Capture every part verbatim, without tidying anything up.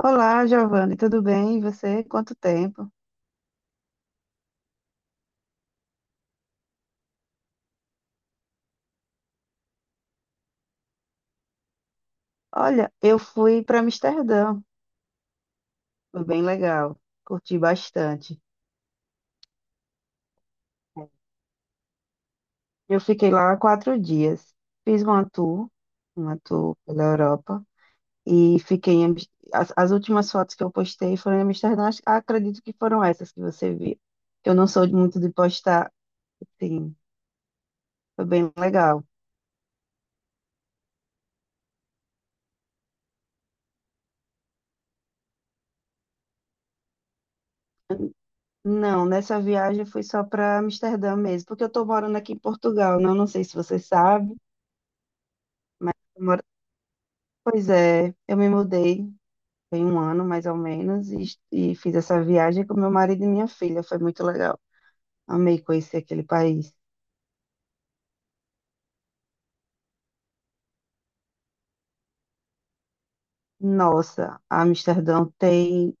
Olá, Giovanni, tudo bem? E você? Quanto tempo? Olha, eu fui para Amsterdã, foi bem legal, curti bastante. Eu fiquei lá quatro dias, fiz uma tour, uma tour pela Europa e fiquei em... Ams- As, as últimas fotos que eu postei foram em Amsterdã, acho- acredito que foram essas que você viu. Eu não sou muito de postar, sim, foi bem legal. Não, nessa viagem foi só para Amsterdã mesmo, porque eu estou morando aqui em Portugal, não, não sei se você sabe. Pois é, eu me mudei tem um ano mais ou menos e, e fiz essa viagem com meu marido e minha filha. Foi muito legal. Amei conhecer aquele país. Nossa, Amsterdão tem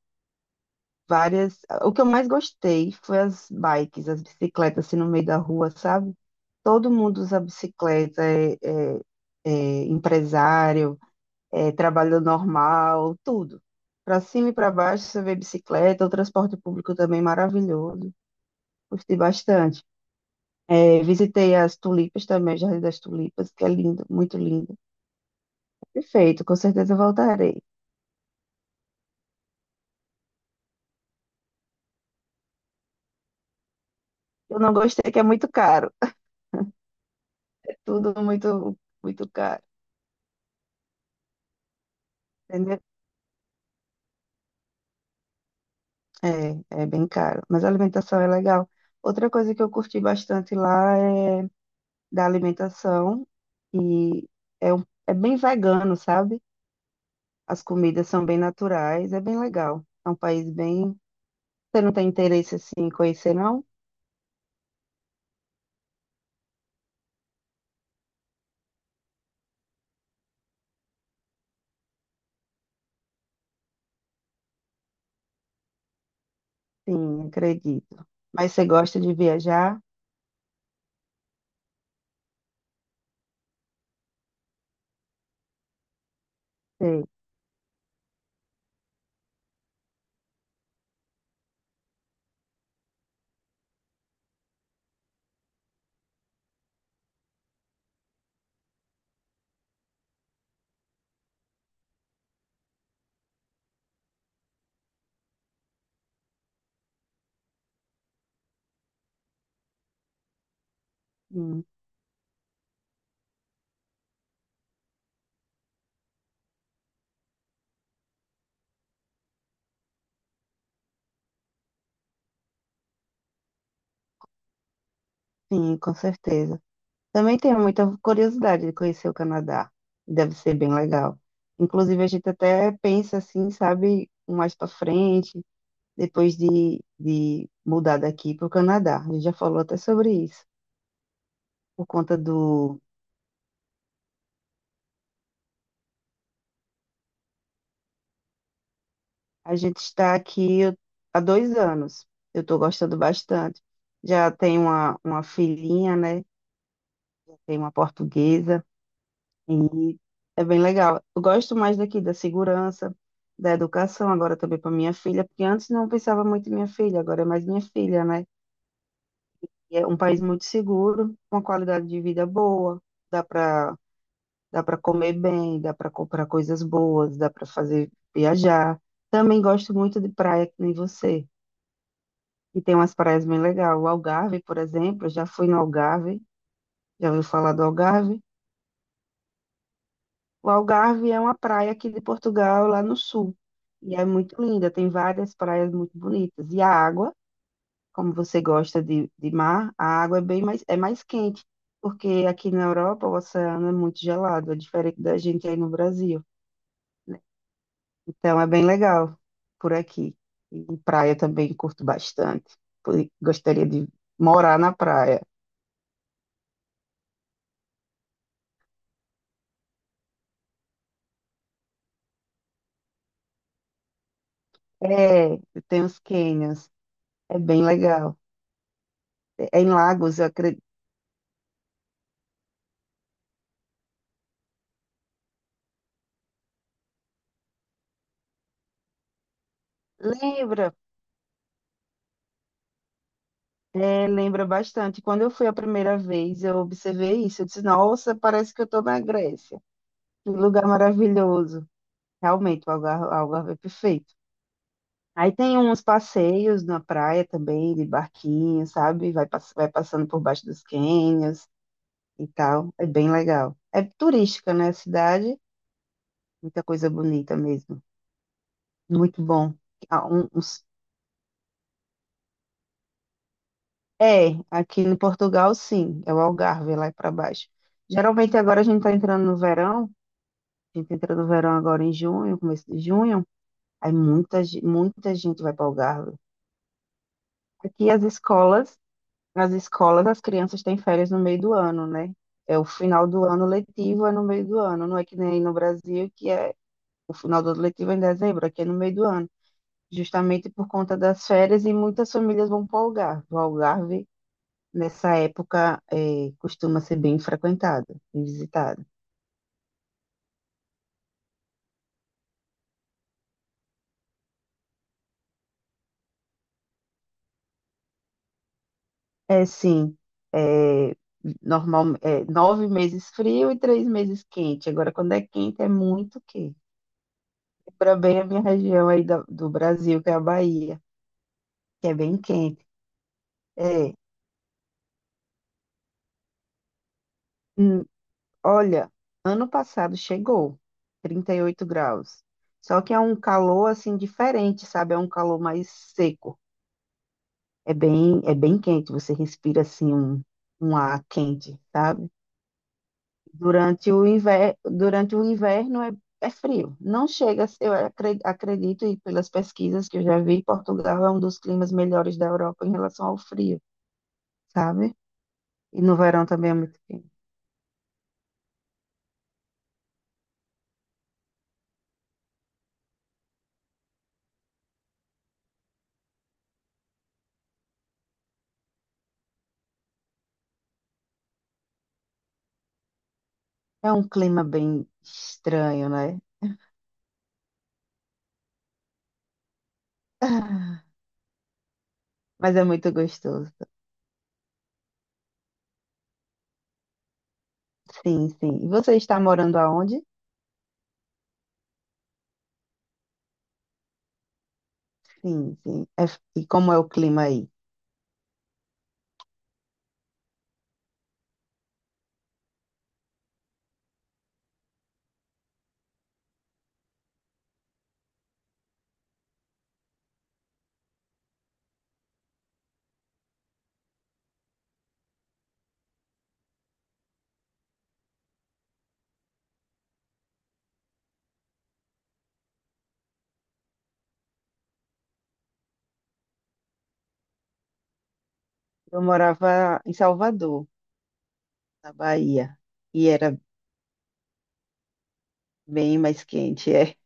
várias. O que eu mais gostei foi as bikes, as bicicletas assim no meio da rua, sabe? Todo mundo usa bicicleta, é, é- é empresário, é trabalho normal, tudo. Para cima e para baixo você vê bicicleta, o transporte público também maravilhoso. Gostei bastante. É, visitei as tulipas também, o Jardim das Tulipas, que é lindo, muito lindo. Perfeito, com certeza voltarei. Eu não gostei que é muito caro, é tudo muito, muito caro, entendeu? É, é bem caro, mas a alimentação é legal. Outra coisa que eu curti bastante lá é da alimentação e é, um- é bem vegano, sabe? As comidas são bem naturais, é bem legal. É um país bem... Você não tem interesse assim, em conhecer, não? Sim, acredito. Mas você gosta de viajar? Sei. Sim, sim, com certeza. Também tenho muita curiosidade de conhecer o Canadá. Deve ser bem legal. Inclusive, a gente até pensa assim, sabe, um mais para frente, depois de, de mudar daqui para o Canadá. A gente já falou até sobre isso, por conta do. A gente está aqui há dois anos. Eu estou gostando bastante. Já tenho uma, uma filhinha, né? Tem uma portuguesa. E é bem legal. Eu gosto mais daqui da segurança, da educação, agora também para minha filha, porque antes não pensava muito em minha filha, agora é mais minha filha, né? E é um país muito seguro, com uma qualidade de vida boa, dá para dá para comer bem, dá para comprar coisas boas, dá para fazer viajar. Também gosto muito de praia, que nem você. E tem umas praias bem legais. O Algarve, por exemplo, eu já fui no Algarve, já ouviu falar do Algarve? O Algarve é uma praia aqui de Portugal, lá no sul. E é muito linda, tem várias praias muito bonitas. E a água, como você gosta de, de mar, a água é bem mais, é mais quente, porque aqui na Europa o oceano é muito gelado, é diferente da gente aí no Brasil, né? Então é bem legal por aqui. E praia também curto bastante. Por- Gostaria de morar na praia. É, tem os cânions, é bem legal. É é em Lagos, eu acredito. Lembra? É, lembra bastante. Quando eu fui a primeira vez, eu observei isso. Eu disse, nossa, parece que eu estou na Grécia. Que lugar maravilhoso. Realmente, o Algarve, o Algarve é perfeito. Aí tem uns passeios na praia também, de barquinho, sabe? Vai, pass- vai passando por baixo dos cânions e tal. É bem legal. É turística, né, a cidade? Muita coisa bonita mesmo. Muito bom. Ah, um- uns- É, aqui em Portugal, sim. É o Algarve lá para baixo. Geralmente agora a gente está entrando no verão. A gente entra no verão agora em junho, começo de junho, aí muita, ge- muita gente vai para o Algarve. Aqui as escolas, as escolas, as crianças têm férias no meio do ano, né? É o final do ano letivo, é no meio do ano. Não é que nem no Brasil, que é o final do ano letivo é em dezembro, aqui é no meio do ano. Justamente por conta das férias e muitas famílias vão para o Algarve. O Algarve, nessa época, eh, costuma ser bem frequentado e visitado. É sim, é, normal, é, nove meses frio e três meses quente. Agora, quando é quente, é muito quente. Para bem a minha região aí da- do Brasil, que é a Bahia, que é bem quente. É, hum, olha, ano passado chegou trinta e oito graus. Só que é um calor assim diferente, sabe? É um calor mais seco. É bem, é bem quente. Você respira assim um, um ar quente, sabe? Durante o inverno, durante o inverno é, é frio. Não chega, a ser- eu acre- acredito, e pelas pesquisas que eu já vi, Portugal é um dos climas melhores da Europa em relação ao frio, sabe? E no verão também é muito quente. É um clima bem estranho, né? Ah, Mas é muito gostoso. Sim, sim. E você está morando aonde? Sim, sim. É f- e como é o clima aí? Eu morava em Salvador, na Bahia, e era bem mais quente. É.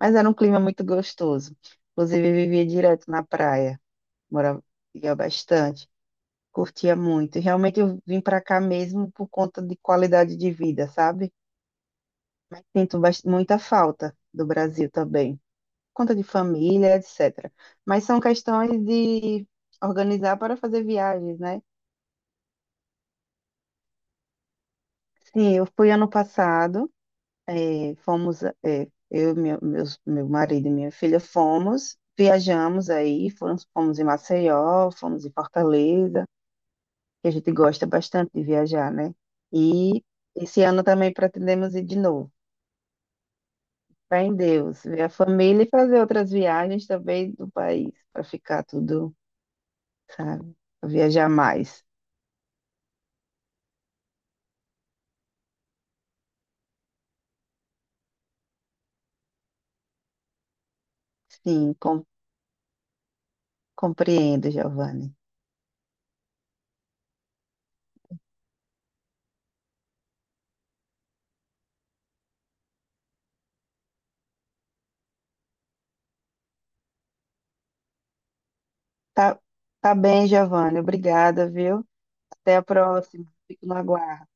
Mas era um clima muito gostoso. Inclusive, eu vivia direto na praia, morava ia bastante, curtia muito. E realmente eu vim para cá mesmo por conta de qualidade de vida, sabe? Mas sinto bas- muita falta do Brasil também, por conta de família, et cetera. Mas são questões de organizar para fazer viagens, né? Sim, eu fui ano passado. É, fomos, é, eu, meu, meus, meu marido e minha filha fomos, viajamos aí, fomos, fomos em Maceió, fomos em Fortaleza, que a gente gosta bastante de viajar, né? E esse ano também pretendemos ir de novo. Fé em Deus, ver a família e fazer outras viagens também do país, para ficar tudo, sabe? Pra viajar mais. Sim, com- compreendo, Giovanni. Tá, tá bem, Giovanni. Obrigada, viu? Até a próxima. Fico no aguardo.